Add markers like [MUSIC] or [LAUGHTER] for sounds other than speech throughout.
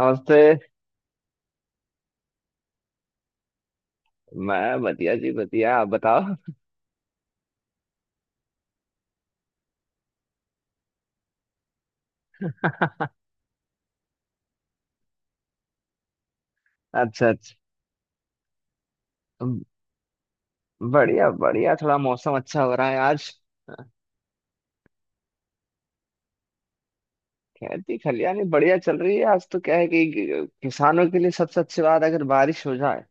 नमस्ते। मैं बढ़िया जी बढ़िया, आप बताओ। अच्छा अच्छा। बढ़िया बढ़िया, थोड़ा मौसम अच्छा हो रहा है आज। खेती खलियानी बढ़िया चल रही है। आज तो क्या है किसानों के लिए सबसे अच्छी बात अगर बारिश हो जाए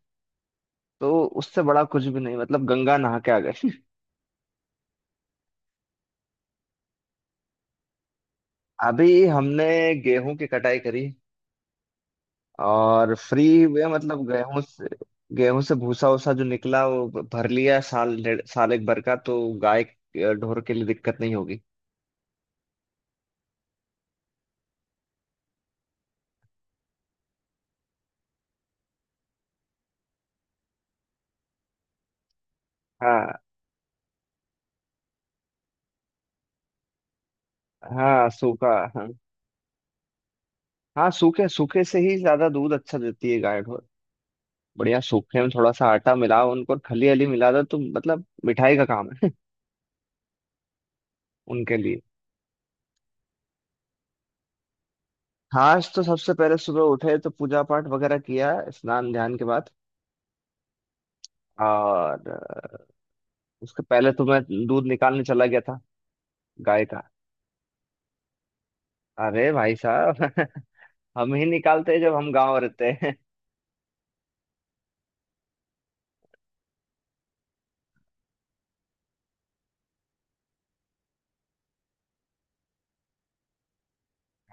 तो उससे बड़ा कुछ भी नहीं, मतलब गंगा नहा के आ गए। [LAUGHS] अभी हमने गेहूं की कटाई करी और फ्री हुए, मतलब गेहूं से। गेहूं से भूसा वूसा जो निकला वो भर लिया, साल डेढ़ साल एक भर का, तो गाय ढोर के लिए दिक्कत नहीं होगी। हाँ। हाँ सूखा। हाँ सूखे सूखे से ही ज्यादा दूध अच्छा देती है गाय ढोर। बढ़िया सूखे में थोड़ा सा आटा मिलाओ उनको और खली हली मिला दो तो मतलब मिठाई का काम है [LAUGHS] उनके लिए। खास तो सबसे पहले सुबह उठे तो पूजा पाठ वगैरह किया स्नान ध्यान के बाद। और उसके पहले तो मैं दूध निकालने चला गया था, गाय का। अरे भाई साहब [LAUGHS] हम ही निकालते हैं जब हम गांव रहते हैं।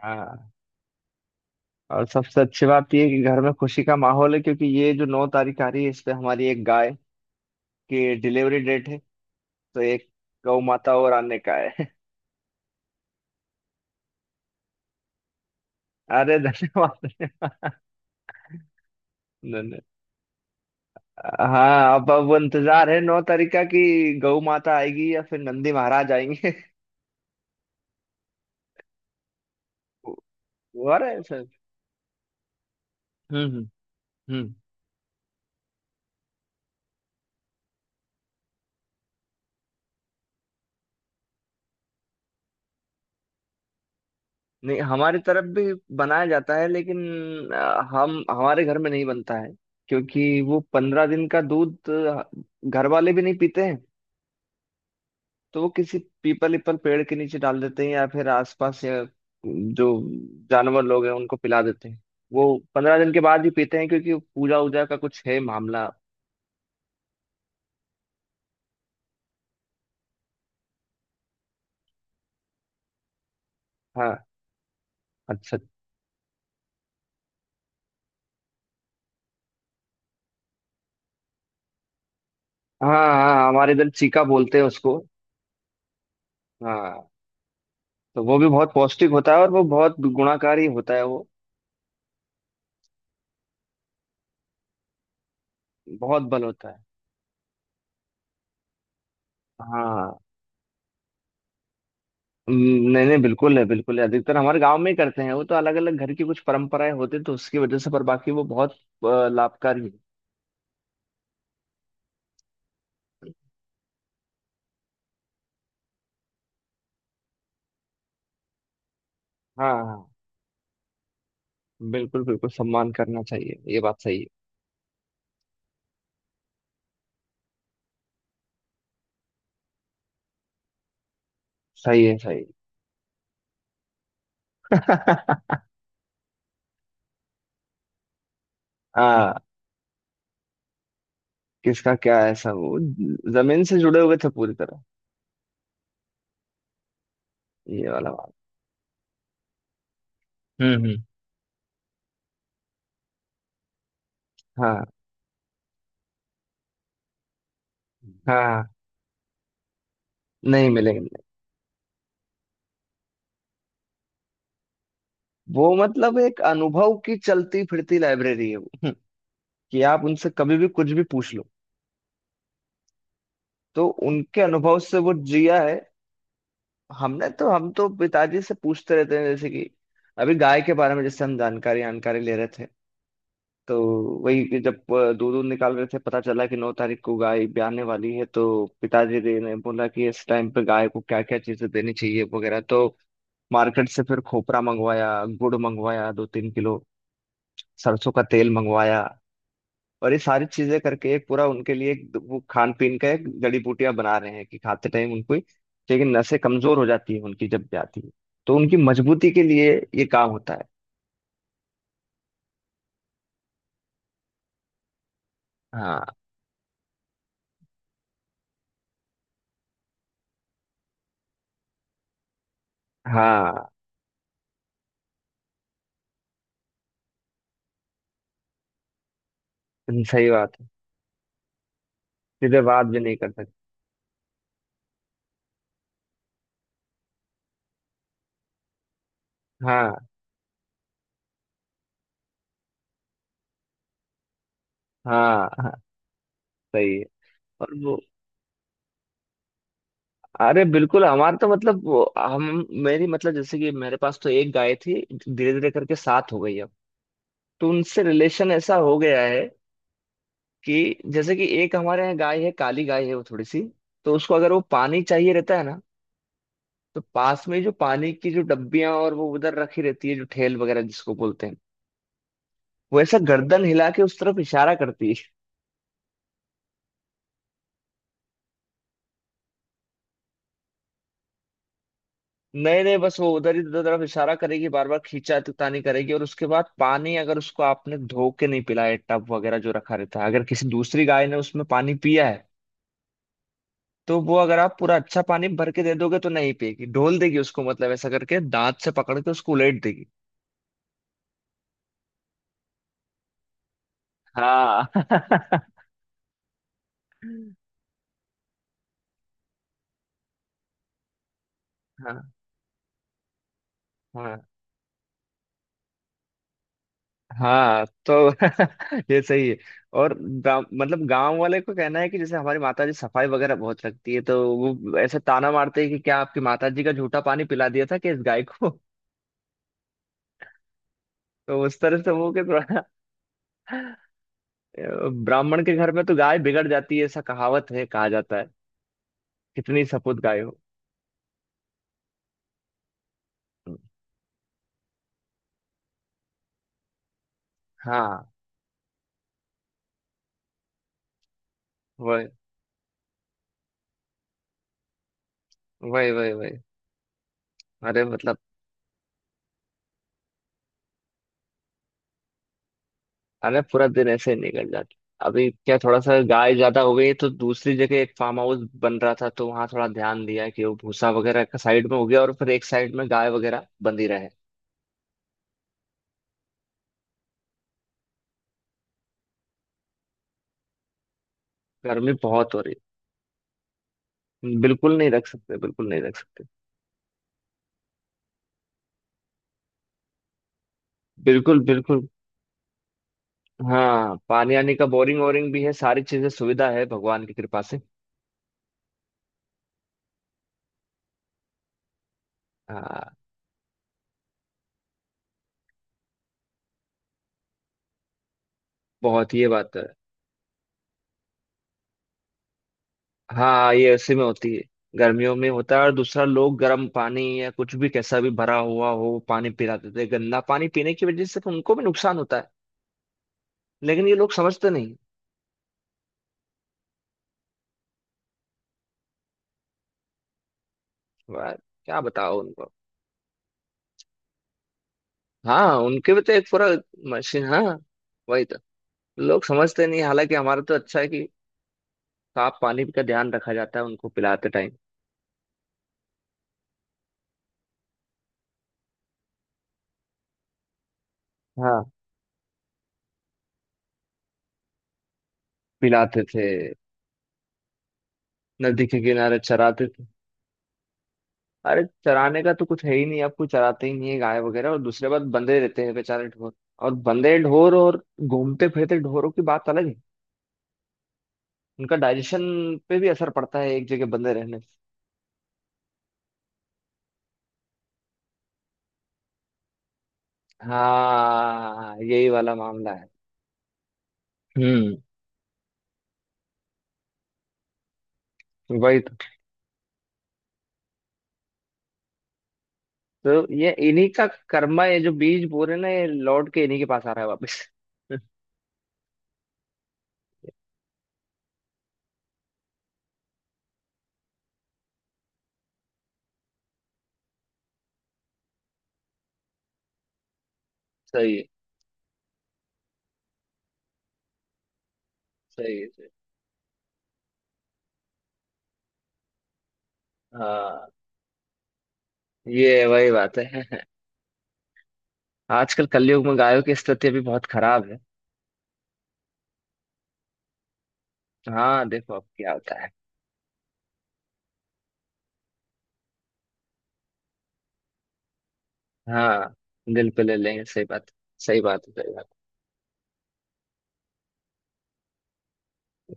हाँ। और सबसे अच्छी बात यह है कि घर में खुशी का माहौल है क्योंकि ये जो नौ तारीख आ रही है इस पे हमारी एक गाय की डिलीवरी डेट है। तो एक गौ माता और आने का है। [LAUGHS] अरे धन्यवाद। धन्यवाद। हाँ, अब इंतजार है नौ तारीख का कि गौ माता आएगी या फिर नंदी महाराज आएंगे। [LAUGHS] वो आ रहा है सर। हम्म। हम्म। नहीं हमारी तरफ भी बनाया जाता है लेकिन हम हमारे घर में नहीं बनता है क्योंकि वो पंद्रह दिन का दूध घर वाले भी नहीं पीते हैं। तो वो किसी पीपल पीपल पेड़ के नीचे डाल देते हैं या फिर आसपास, या जो जानवर लोग हैं उनको पिला देते हैं। वो पंद्रह दिन के बाद ही पीते हैं क्योंकि पूजा वूजा का कुछ है मामला। हाँ। अच्छा। हाँ हाँ हमारे इधर चीका बोलते हैं उसको। हाँ तो वो भी बहुत पौष्टिक होता है और वो बहुत गुणाकारी होता है वो। बहुत बल होता है। हाँ। नहीं नहीं बिल्कुल है बिल्कुल है। अधिकतर हमारे गांव में ही करते हैं वो, तो अलग अलग घर की कुछ परंपराएं होती हैं तो उसकी वजह से। पर बाकी वो बहुत लाभकारी है। हाँ हाँ। बिल्कुल बिल्कुल सम्मान करना चाहिए, ये बात सही है। सही है। सही है। [LAUGHS] हाँ। किसका क्या है, सब वो जमीन से जुड़े हुए थे पूरी तरह। ये वाला बात। हम्म। हाँ। हाँ नहीं मिलेंगे नहीं। वो मतलब एक अनुभव की चलती फिरती लाइब्रेरी है वो [LAUGHS] कि आप उनसे कभी भी कुछ भी पूछ लो तो उनके अनुभव से वो जिया है। हमने तो हम तो पिताजी से पूछते रहते हैं, जैसे कि अभी गाय के बारे में जैसे हम जानकारी जानकारी ले रहे थे तो वही, कि जब दूध दूध निकाल रहे थे पता चला कि नौ तारीख को गाय ब्याने वाली है तो पिताजी ने बोला कि इस टाइम पे गाय को क्या क्या चीजें देनी चाहिए वगैरह, तो मार्केट से फिर खोपरा मंगवाया, गुड़ मंगवाया दो तीन किलो, सरसों का तेल मंगवाया, और ये सारी चीजें करके एक पूरा उनके लिए एक वो खान पीन का एक जड़ी बूटियां बना रहे हैं कि खाते टाइम उनको लेकिन नसें कमजोर हो जाती है उनकी जब जाती है तो उनकी मजबूती के लिए ये काम होता है। हाँ हाँ सही बात है। सीधे बात भी नहीं कर सकते। हाँ हाँ हाँ सही है। और वो अरे बिल्कुल। हमारा तो मतलब वो, हम मेरी मतलब जैसे कि मेरे पास तो एक गाय थी, धीरे धीरे करके सात हो गई अब। तो उनसे रिलेशन ऐसा हो गया है कि जैसे कि एक हमारे यहाँ गाय है, काली गाय है, वो थोड़ी सी, तो उसको अगर वो पानी चाहिए रहता है ना तो पास में जो पानी की जो डब्बियां और वो उधर रखी रहती है जो ठेल वगैरह जिसको बोलते हैं, वो ऐसा गर्दन हिला के उस तरफ इशारा करती है। नहीं नहीं बस वो उधर ही उधर तरफ इशारा करेगी, बार बार खींचा तानी करेगी। और उसके बाद पानी अगर उसको आपने धो के नहीं पिलाया, टब वगैरह जो रखा रहता है, अगर किसी दूसरी गाय ने उसमें पानी पिया है तो वो, अगर आप पूरा अच्छा पानी भर के दे दोगे तो नहीं पिएगी, ढोल देगी उसको, मतलब ऐसा करके दांत से पकड़ के उसको उलेट देगी। हाँ [LAUGHS] हाँ हाँ हाँ तो [LAUGHS] ये सही है। और गाँव मतलब गांव वाले को कहना है कि जैसे हमारी माता जी सफाई वगैरह बहुत रखती है तो वो ऐसे ताना मारते हैं कि क्या आपकी माता जी का झूठा पानी पिला दिया था कि इस गाय को। [LAUGHS] तो उस तरह से वो के थोड़ा ब्राह्मण के घर में तो गाय बिगड़ जाती है ऐसा कहावत है, कहा जाता है। कितनी सपूत गाय हो। हाँ। वही वही वही वही। अरे मतलब अरे पूरा दिन ऐसे ही निकल जाता। अभी क्या, थोड़ा सा गाय ज्यादा हो गई है तो दूसरी जगह एक फार्म हाउस बन रहा था तो वहां थोड़ा ध्यान दिया कि वो भूसा वगैरह का साइड में हो गया और फिर एक साइड में गाय वगैरह बंधी रहे। गर्मी बहुत हो रही है। बिल्कुल नहीं रख सकते बिल्कुल नहीं रख सकते। बिल्कुल बिल्कुल। हाँ पानी आने का बोरिंग वोरिंग भी है, सारी चीजें सुविधा है भगवान की कृपा से। हाँ बहुत ये बात है। हाँ ये ऐसे में होती है। गर्मियों में होता है और दूसरा लोग गर्म पानी या कुछ भी कैसा भी भरा हुआ हो वो पानी पिलाते थे, गंदा पानी पीने की वजह से तो उनको भी नुकसान होता है, लेकिन ये लोग समझते नहीं। यार, क्या बताओ उनको। हाँ उनके भी तो एक पूरा मशीन। हाँ वही तो लोग समझते नहीं, हालांकि हमारा तो अच्छा है कि साफ पानी का ध्यान रखा जाता है उनको पिलाते टाइम। हाँ। पिलाते थे। नदी के किनारे चराते। अरे चराने का तो कुछ है ही नहीं, आपको चराते ही नहीं है गाय वगैरह और दूसरे बात बंधे रहते हैं बेचारे ढोर। और बंधे ढोर और घूमते फिरते ढोरों की बात अलग है। उनका डाइजेशन पे भी असर पड़ता है एक जगह बंधे रहने से। हाँ यही वाला मामला है। हम्म। वही तो ये इन्हीं का कर्मा, ये जो बीज बोरे ना ये लौट के इन्हीं के पास आ रहा है वापस। [LAUGHS] सही है। सही है। सही है। हाँ ये वही बात है। [LAUGHS] आजकल कलयुग में गायों की स्थिति भी बहुत खराब है। हाँ देखो अब क्या होता है। हाँ दिल पे ले लेंगे। सही बात, सही बात है। सही बात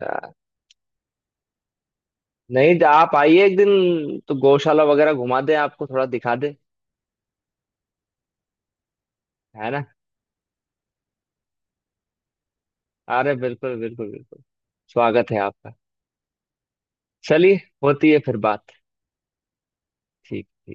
है। नहीं तो आप आइए एक दिन तो गौशाला वगैरह घुमा दें, आपको थोड़ा दिखा दे। है ना। अरे बिल्कुल बिल्कुल बिल्कुल। स्वागत है आपका। चलिए। होती है फिर बात। ठीक